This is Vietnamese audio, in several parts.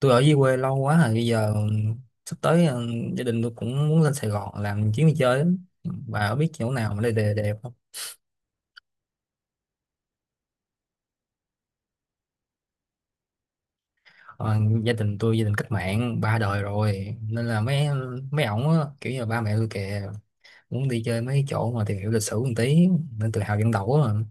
Tôi ở dưới quê lâu quá rồi. Bây giờ sắp tới gia đình tôi cũng muốn lên Sài Gòn làm chuyến đi chơi á. Bà có biết chỗ nào mà đây đẹp đẹp không? Ờ, gia đình tôi gia đình cách mạng ba đời rồi, nên là mấy mấy ổng á, kiểu như là ba mẹ tôi kìa, muốn đi chơi mấy chỗ mà tìm hiểu lịch sử một tí, nên tự hào dân tộc á mà.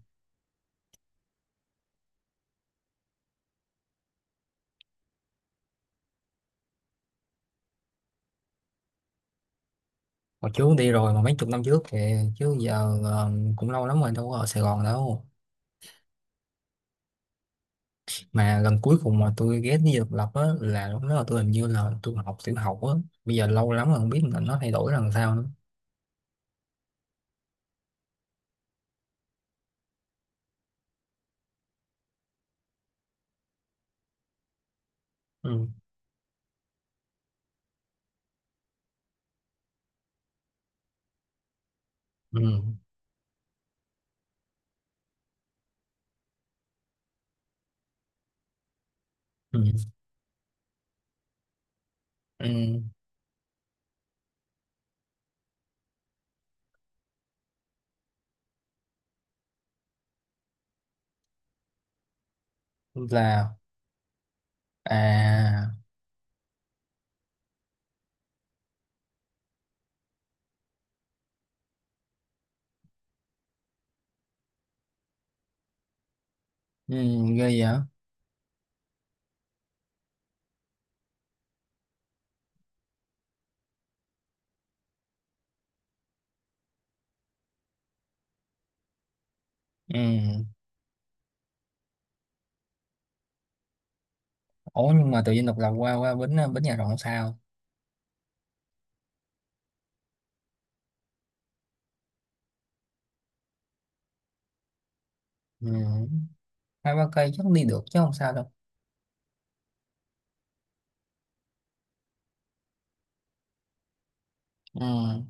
Hồi trước đi rồi, mà mấy chục năm trước kìa, chứ giờ cũng lâu lắm rồi, đâu có ở Sài Gòn đâu. Mà lần cuối cùng mà tôi ghét đi độc lập á là lúc đó là hình như là tôi học tiểu học á. Bây giờ lâu lắm rồi không biết là nó thay đổi làm sao nữa. Ừ. Ừ. Ừ, ừ. Là, à, ừ, ghê vậy. Ừ. Ủa, nhưng mà tự nhiên độc lập qua qua bến bến nhà rộng sao? Ừ, hai ba cây chắc đi được chứ không sao đâu. Ừ.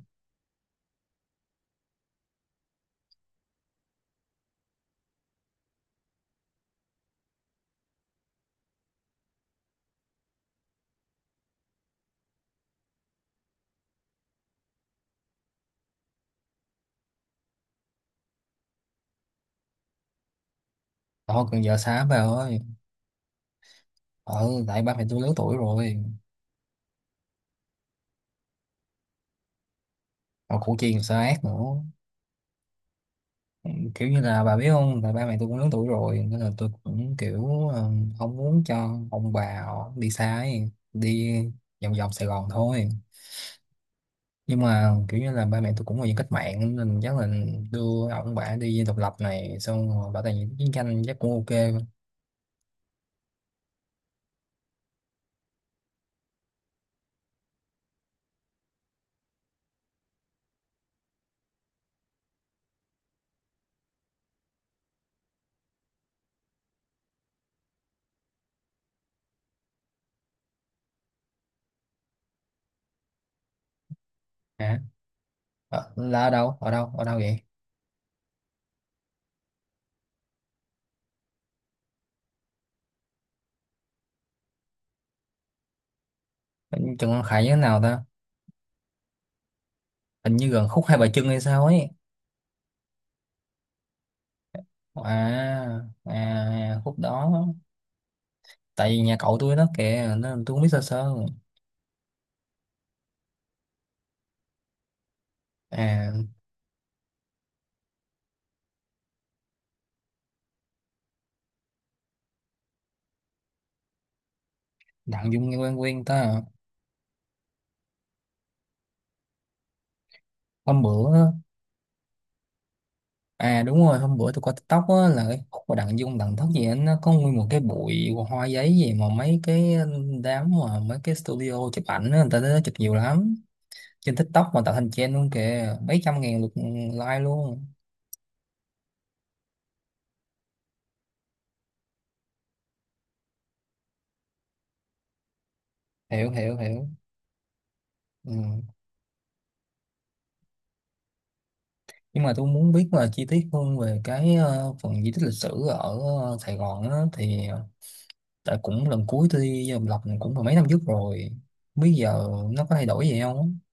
Thôi còn giờ xá vào ơi. Ừ, tại ba mẹ tôi lớn tuổi rồi. Còn củ chi còn sao ác nữa. Kiểu như là bà biết không, là ba mẹ tôi cũng lớn tuổi rồi, nên là tôi cũng kiểu không muốn cho ông bà họ đi xa ấy, đi vòng vòng Sài Gòn thôi. Nhưng mà kiểu như là ba mẹ tôi cũng là dân cách mạng, nên chắc là đưa ông bà đi độc lập này, xong rồi bảo tàng chiến tranh chắc cũng ok. Hả? Là ở đâu, ở đâu, ở đâu vậy? Trần Quang Khải như thế nào ta, hình như gần khúc Hai Bà Trưng hay sao ấy. À à, khúc đó. Tại vì nhà cậu tôi nó kìa nên tôi cũng biết sơ sơ. À, Đặng Dung nghe quen quen ta à. Hôm bữa á- À đúng rồi, hôm bữa tôi coi TikTok á, là cái khúc mà Đặng Dung Đặng Thất gì á, nó có nguyên một cái bụi hoa giấy gì, mà mấy cái đám, mà mấy cái studio chụp ảnh á, người ta tới đó chụp nhiều lắm. Trên TikTok mà tạo thành trend luôn kìa, mấy trăm ngàn lượt like luôn. Hiểu hiểu hiểu. Ừ. Nhưng mà tôi muốn biết là chi tiết hơn về cái phần di tích lịch sử ở Sài Gòn á, thì tại cũng lần cuối tôi đi Dòng Lọc cũng phải mấy năm trước rồi, bây giờ nó có thay đổi gì không á?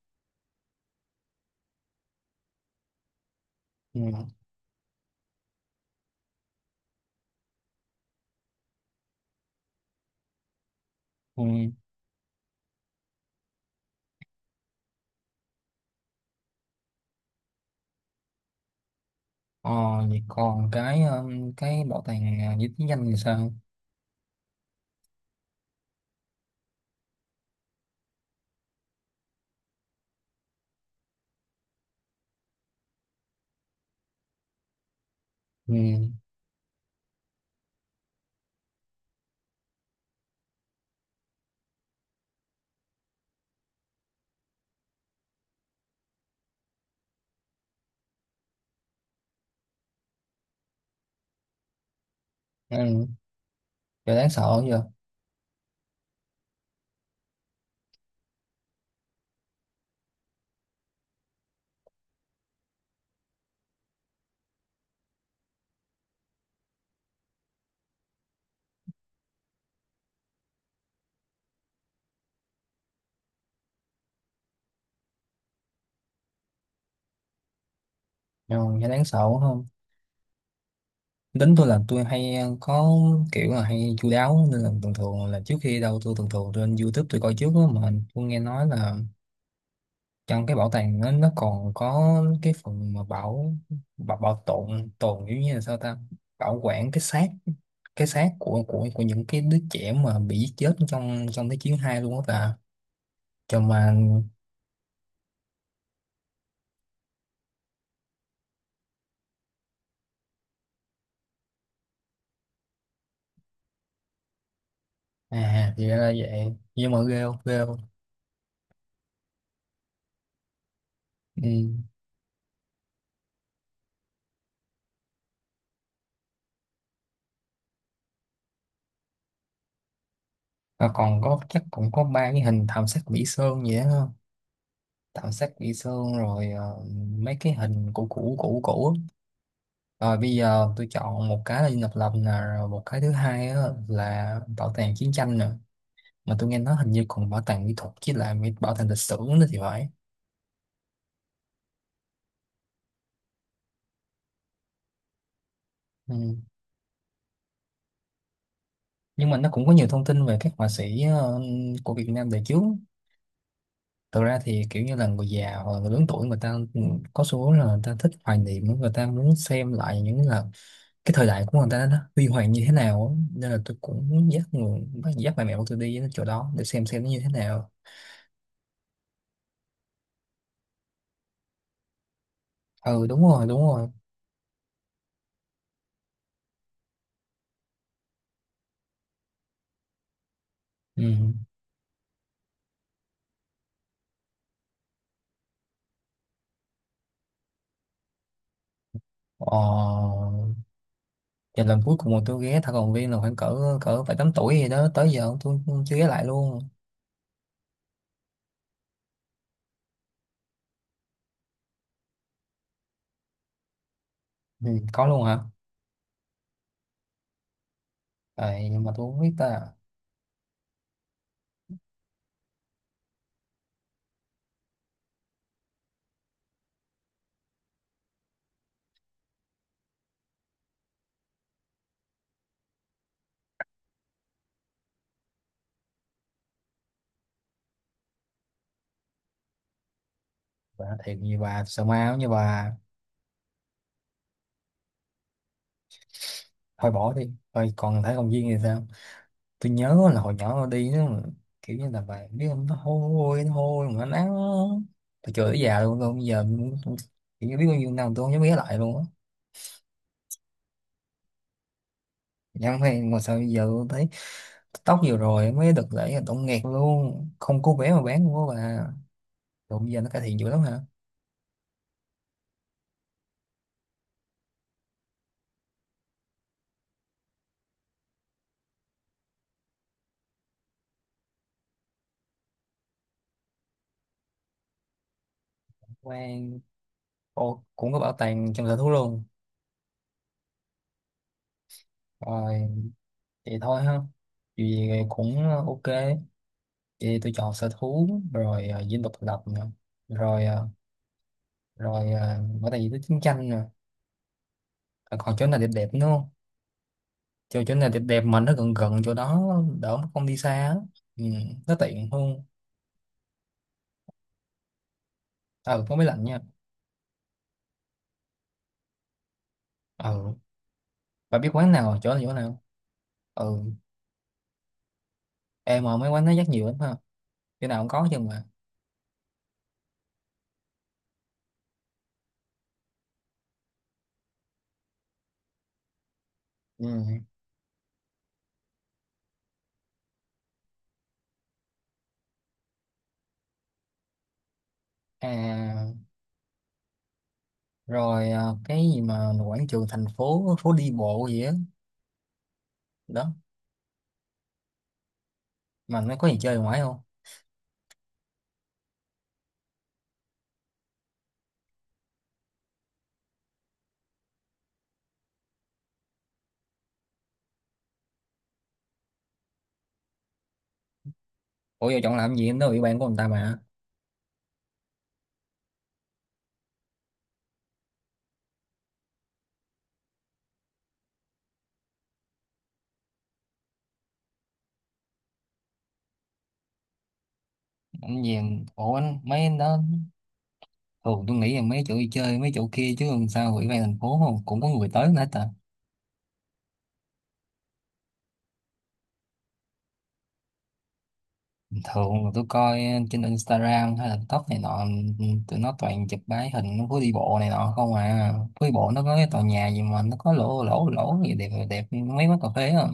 Ừ. Ừ. Ờ, vậy còn cái bảo tàng à, di tích danh thì sao? Ừ. Ừ. Giờ đáng sợ giờ. Ừ. Giờ đáng sợ không? Tính tôi là tôi hay à, có kiểu là hay chu đáo, nên là thường thường là trước khi đâu tôi thường thường trên YouTube tôi coi trước đó. Mà tôi nghe nói là trong cái bảo tàng nó còn có cái phần mà bảo bảo, bảo tồn tồn kiểu như là sao ta, bảo quản cái xác, cái xác của của những cái đứa trẻ mà bị giết chết trong trong thế chiến hai luôn á ta, cho mà. À thì ra là vậy. Nhưng mà ghê không, ghê không? Ừ. Và còn có chắc cũng có ba cái hình thảm sát Mỹ Sơn vậy đó không? Thảm sát Mỹ Sơn rồi mấy cái hình cũ cũ cũ cũ á. Rồi bây giờ tôi chọn một cái là Dinh Độc Lập nè, rồi một cái thứ hai á là bảo tàng chiến tranh nè. Mà tôi nghe nói hình như còn bảo tàng mỹ thuật chứ là mỹ- bảo tàng lịch sử nữa thì phải. Ừ. Nhưng mà nó cũng có nhiều thông tin về các họa sĩ của Việt Nam đời trước. Thực ra thì kiểu như là người già hoặc là người lớn tuổi người ta có xu hướng là người ta thích hoài niệm, người ta muốn xem lại những là cái thời đại của người ta nó huy hoàng như thế nào á. Nên là tôi cũng muốn dắt bà mẹ của tôi đi đến chỗ đó để xem nó như thế nào. Ừ đúng rồi, đúng rồi. Ừ. Ờ, và lần cuối cùng mà tôi ghé thảo cầm viên là khoảng cỡ cỡ phải tám tuổi gì đó, tới giờ tôi chưa ghé lại luôn. Ừ, có luôn hả? Vậy nhưng mà tôi không biết ta. Bà thiệt, như bà sợ ma giống như bà. Thôi bỏ đi. Thôi còn thấy công viên thì sao? Tôi nhớ là hồi nhỏ tôi đi nó kiểu như là bà biết không, nó hôi, nó hôi mà nó nắng, tôi chửi tới già luôn. Tôi bây giờ tôi- kiểu như biết bao nhiêu năm tôi không dám ghé lại luôn á. Nhưng mà sao bây giờ tôi thấy tóc vừa rồi mới đợt lễ là tổng nghẹt luôn, không có vé mà bán luôn á bà. Rồi bây giờ nó cải thiện dữ lắm hả? Quan, cô cũng có bảo tàng trong sở thú luôn. Rồi, vậy thôi ha, vì cũng ok. Vậy tôi chọn sở thú, rồi dinh độc lập nè, rồi ờ, rồi bảo tàng di tích chiến tranh nè. À, còn chỗ nào đẹp đẹp nữa không? Chỗ chỗ nào đẹp đẹp mà nó gần gần chỗ đó, đỡ mà không đi xa á. Ừ, nó tiện hơn. Ừ, có máy lạnh nha. Ừ, bà biết quán nào, chỗ nào, chỗ nào? Ừ, em mà mấy quán nó rất nhiều lắm ha, chỗ nào cũng có chứ mà. Ừ. À rồi, à, cái gì mà quảng trường thành phố, phố đi bộ gì á? Đó, mà nó có gì chơi ngoài không? Ủa giờ chọn làm gì em đó bị bạn của người ta mà. Anh về. Ủa anh mấy anh đó. Thường tôi nghĩ là mấy chỗ đi chơi mấy chỗ kia, chứ làm sao ủy ban thành phố không cũng có người tới nữa ta. Thường là tôi coi trên Instagram hay là TikTok này nọ, tụi nó toàn chụp bái hình phố đi bộ này nọ không à. Phố đi bộ nó có cái tòa nhà gì mà nó có lỗ lỗ lỗ gì đẹp đẹp, mấy quán cà phê á,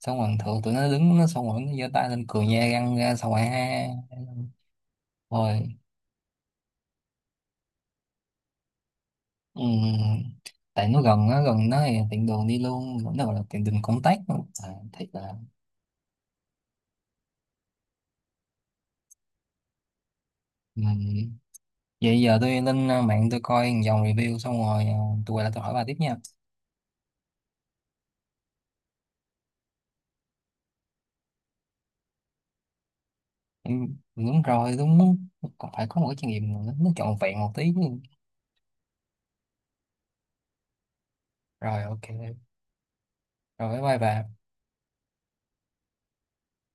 xong rồi thường tụi nó đứng nó, xong rồi nó giơ tay lên cười nha răng ra, xong rồi ha. Rồi. ừm, tại nó gần á, gần nó thì tiện đường đi luôn, nó gọi là tiện đường công tác luôn. À, thiệt là. Ừm. Vậy giờ tôi lên à, mạng tôi coi một dòng review, xong rồi tôi quay lại tôi hỏi bà tiếp nha. Ừ, đúng rồi đúng. Còn phải có một cái trải nghiệm nó trọn vẹn một tí chứ. Rồi ok. Rồi bye bye bà.